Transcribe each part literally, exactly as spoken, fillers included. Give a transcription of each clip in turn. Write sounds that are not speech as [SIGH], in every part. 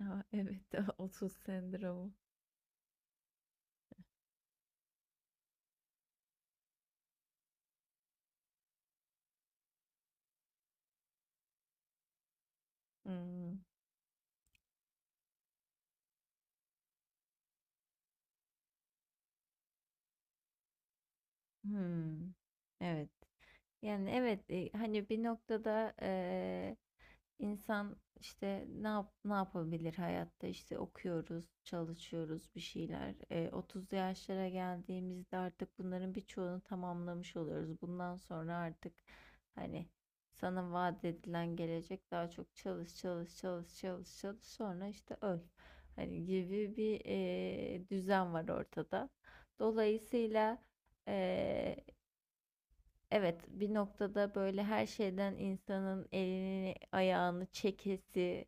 A, evet, [LAUGHS] otuz sendromu. Hımm. Hımm. Evet. Yani, evet, eee, hani, bir noktada, İnsan işte ne yap, ne yapabilir hayatta işte okuyoruz, çalışıyoruz bir şeyler. E, otuzlu yaşlara geldiğimizde artık bunların birçoğunu tamamlamış oluyoruz. Bundan sonra artık hani sana vaat edilen gelecek daha çok çalış çalış çalış çalış çalış sonra işte öl. Hani gibi bir e, düzen var ortada. Dolayısıyla, e, Evet, bir noktada böyle her şeyden insanın elini ayağını çekesi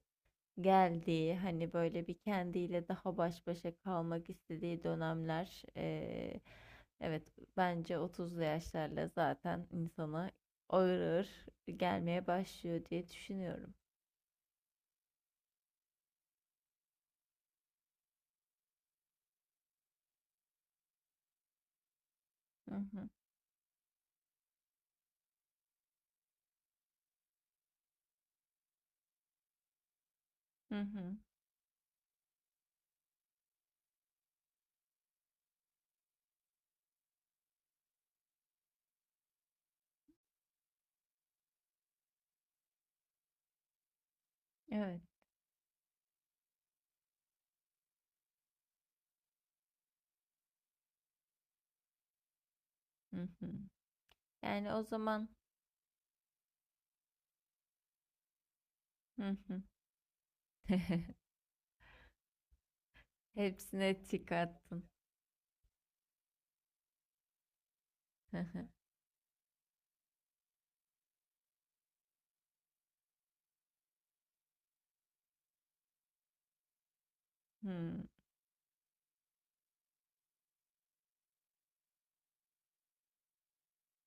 geldiği, hani böyle bir kendiyle daha baş başa kalmak istediği dönemler, eee, evet bence otuzlu yaşlarla zaten insana ağır ağır gelmeye başlıyor diye düşünüyorum. Hı hı, hı hı, evet. Hı hı. Yani o zaman, hı hı. [LAUGHS] Hepsine tik attın. [LAUGHS] Hı.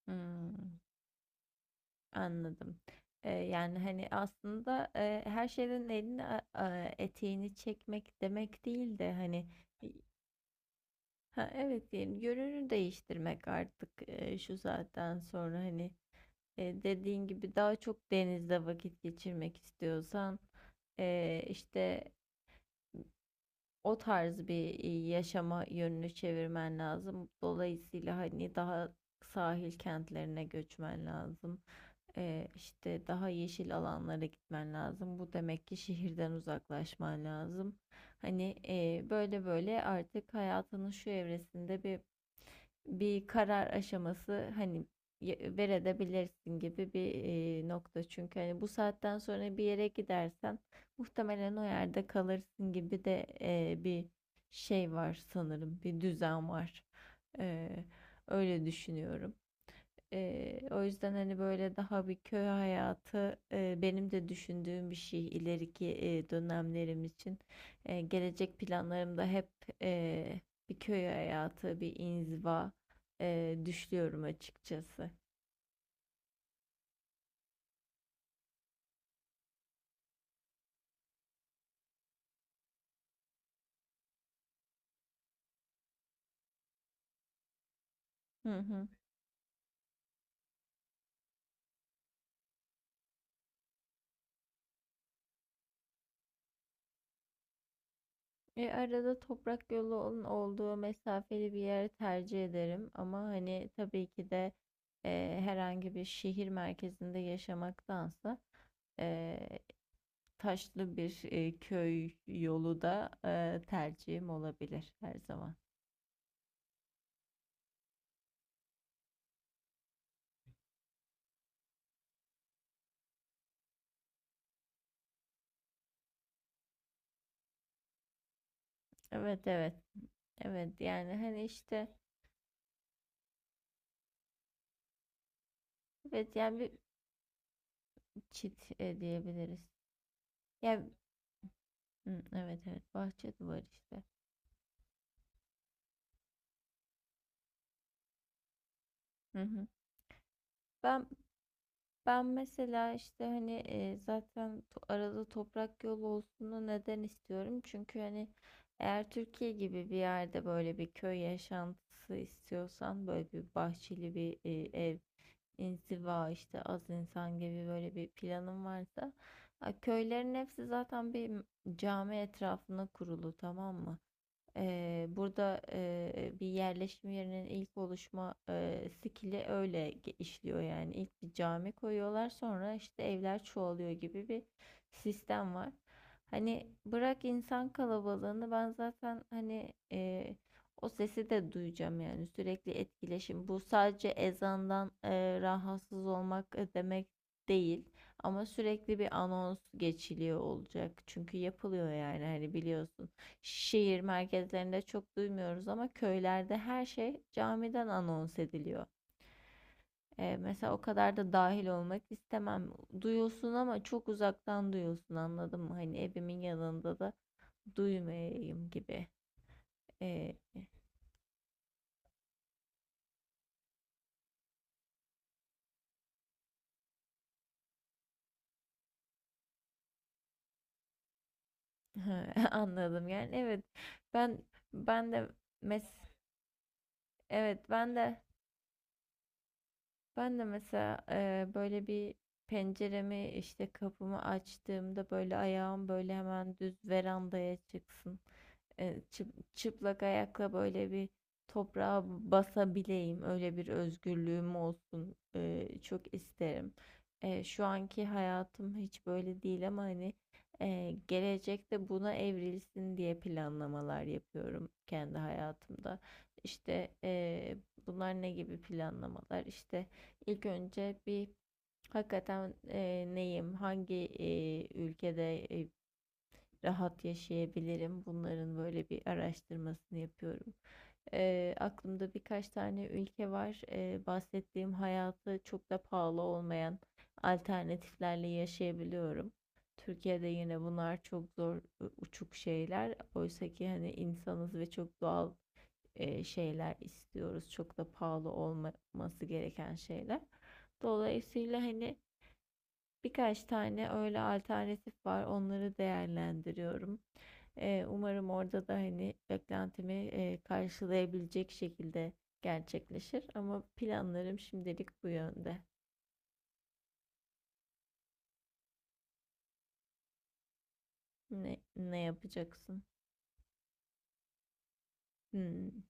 Hı, hı. Anladım. Eee, yani, hani, aslında, eee, her şeyden elini, a aaa, eteğini çekmek demek değil de, hani, ha, evet, diyelim, yönünü değiştirmek artık, eee, şu saatten sonra, hani, eee, dediğin gibi daha çok denizde vakit geçirmek istiyorsan, eee, işte o tarz bir e, yaşama yönünü çevirmen lazım. Dolayısıyla hani daha sahil kentlerine göçmen lazım. Ee, işte daha yeşil alanlara gitmen lazım. Bu demek ki şehirden uzaklaşman lazım. Hani e, böyle böyle artık hayatının şu evresinde bir bir karar aşaması, hani y- verebilirsin gibi bir e, nokta. Çünkü hani bu saatten sonra bir yere gidersen muhtemelen o yerde kalırsın gibi de e, bir şey var sanırım. Bir düzen var. E, öyle düşünüyorum. E, o yüzden hani böyle daha bir köy hayatı e, benim de düşündüğüm bir şey ileriki e, dönemlerim için. E, gelecek planlarımda hep e, bir köy hayatı, bir inziva e, düşünüyorum açıkçası. Hı hı. E, arada toprak yolun olduğu mesafeli bir yer tercih ederim. Ama hani, tabii ki de, e, herhangi bir şehir merkezinde yaşamaktansa e, taşlı bir e, köy yolu da e, tercihim olabilir her zaman. Evet, evet. Evet, yani hani işte, evet yani bir çit e, diyebiliriz. Yani hı, evet evet, bahçe duvarı işte. Hı hı. Ben Ben mesela, işte hani, e, zaten to- arada toprak yolu olsun, neden istiyorum? Çünkü hani eğer Türkiye gibi bir yerde böyle bir köy yaşantısı istiyorsan, böyle bir bahçeli bir e, ev, inziva işte az insan gibi böyle bir planın varsa, a, köylerin hepsi zaten bir m- cami etrafına kurulu, tamam mı? Eee, burada eee, bir yerleşim yerinin ilk oluşma eee skili öyle ge- işliyor yani. İlk bir cami koyuyorlar, sonra işte evler çoğalıyor gibi bir sistem var. Hani bırak insan kalabalığını, ben zaten hani eee, o sesi de duyacağım, yani sürekli etkileşim. Bu sadece ezandan eee, rahatsız olmak e, demek değil. Ama sürekli bir anons geçiliyor olacak. Çünkü yapılıyor, yani hani biliyorsun, şehir merkezlerinde çok duymuyoruz ama köylerde her şey camiden anons ediliyor. Ee, mesela o kadar da dahil olmak istemem. Duyulsun ama çok uzaktan duyulsun, anladın mı? Hani evimin yanında da duymayayım gibi. Ee, [LAUGHS] Anladım, yani evet, ben ben de, mes evet, ben de. Ben de mesela eee, böyle bir penceremi, işte kapımı açtığımda, böyle ayağım böyle hemen düz verandaya çıksın. Eee, çı- çıplak ayakla böyle bir toprağa basabileyim. Öyle bir özgürlüğüm olsun. Eee, çok isterim. Eee, şu anki hayatım hiç böyle değil ama hani eee, gelecekte buna evrilsin diye planlamalar yapıyorum kendi hayatımda. İşte eee, bunlar ne gibi planlamalar? İşte İlk önce bir, hakikaten e, neyim, hangi e, ülkede e, rahat yaşayabilirim, bunların böyle bir araştırmasını yapıyorum. E, aklımda birkaç tane ülke var. E, bahsettiğim hayatı çok da pahalı olmayan alternatiflerle yaşayabiliyorum. Türkiye'de yine bunlar çok zor, e, uçuk şeyler. Oysa ki hani insanız ve çok doğal e, şeyler istiyoruz. Çok da pahalı olmaması gereken şeyler. Dolayısıyla hani birkaç tane öyle alternatif var. Onları değerlendiriyorum. E, umarım orada da hani beklentimi e, karşılayabilecek şekilde gerçekleşir. Ama planlarım şimdilik bu yönde. Ne, ne yapacaksın? Hmm,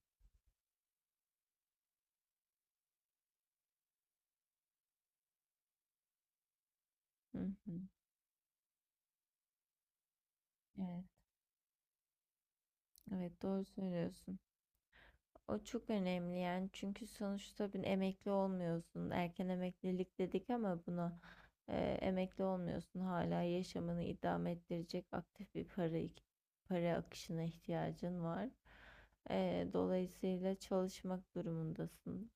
hı hı. Evet, evet, doğru söylüyorsun. O çok önemli, yani çünkü sonuçta bir emekli olmuyorsun. Erken emeklilik dedik ama buna e, emekli olmuyorsun. Hala yaşamını idame ettirecek aktif bir para para akışına ihtiyacın var. E, dolayısıyla çalışmak durumundasın.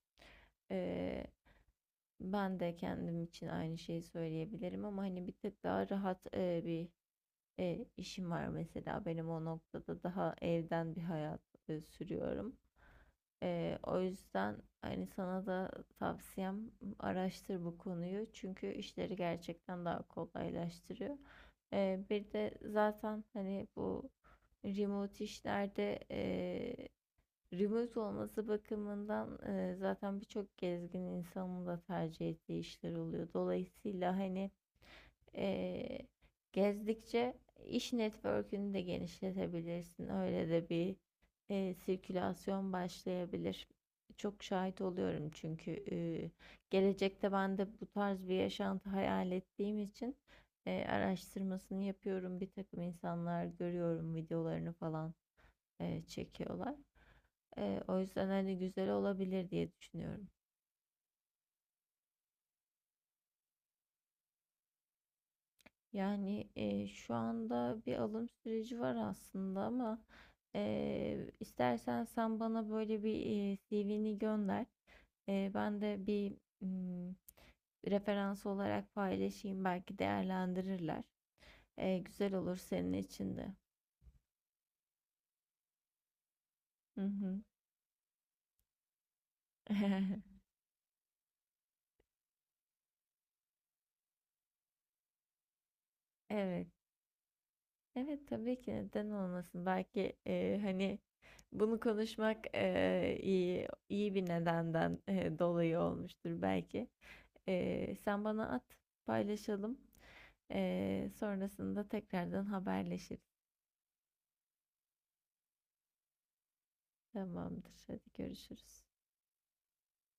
E, ben de kendim için aynı şeyi söyleyebilirim ama hani bir tık daha rahat e, bir e, işim var mesela benim, o noktada daha evden bir hayat e, sürüyorum. E, o yüzden hani sana da tavsiyem, araştır bu konuyu, çünkü işleri gerçekten daha kolaylaştırıyor. E, bir de zaten hani bu remote işlerde, e, remote olması bakımından e, zaten birçok gezgin insanın da tercih ettiği işler oluyor. Dolayısıyla hani Eee, gezdikçe iş network'ünü de genişletebilirsin. Öyle de bir eee, sirkülasyon başlayabilir. Çok şahit oluyorum çünkü eee, gelecekte ben de bu tarz bir yaşantı hayal ettiğim için eee, araştırmasını yapıyorum. Bir takım insanlar görüyorum, videolarını falan eee, çekiyorlar. Eee, o yüzden hani güzel olabilir diye düşünüyorum. Yani e, şu anda bir alım süreci var aslında ama e, istersen sen bana böyle bir e, C V'ni gönder. E, ben de bir mm, referans olarak paylaşayım, belki değerlendirirler. E, güzel olur senin için de. Hı hı. [LAUGHS] Evet. Evet, tabii ki, neden olmasın. Belki e, hani bunu konuşmak e, iyi iyi bir nedenden e, dolayı olmuştur belki. Ee, sen bana at, paylaşalım. Ee, sonrasında tekrardan haberleşiriz. Tamamdır. Hadi görüşürüz.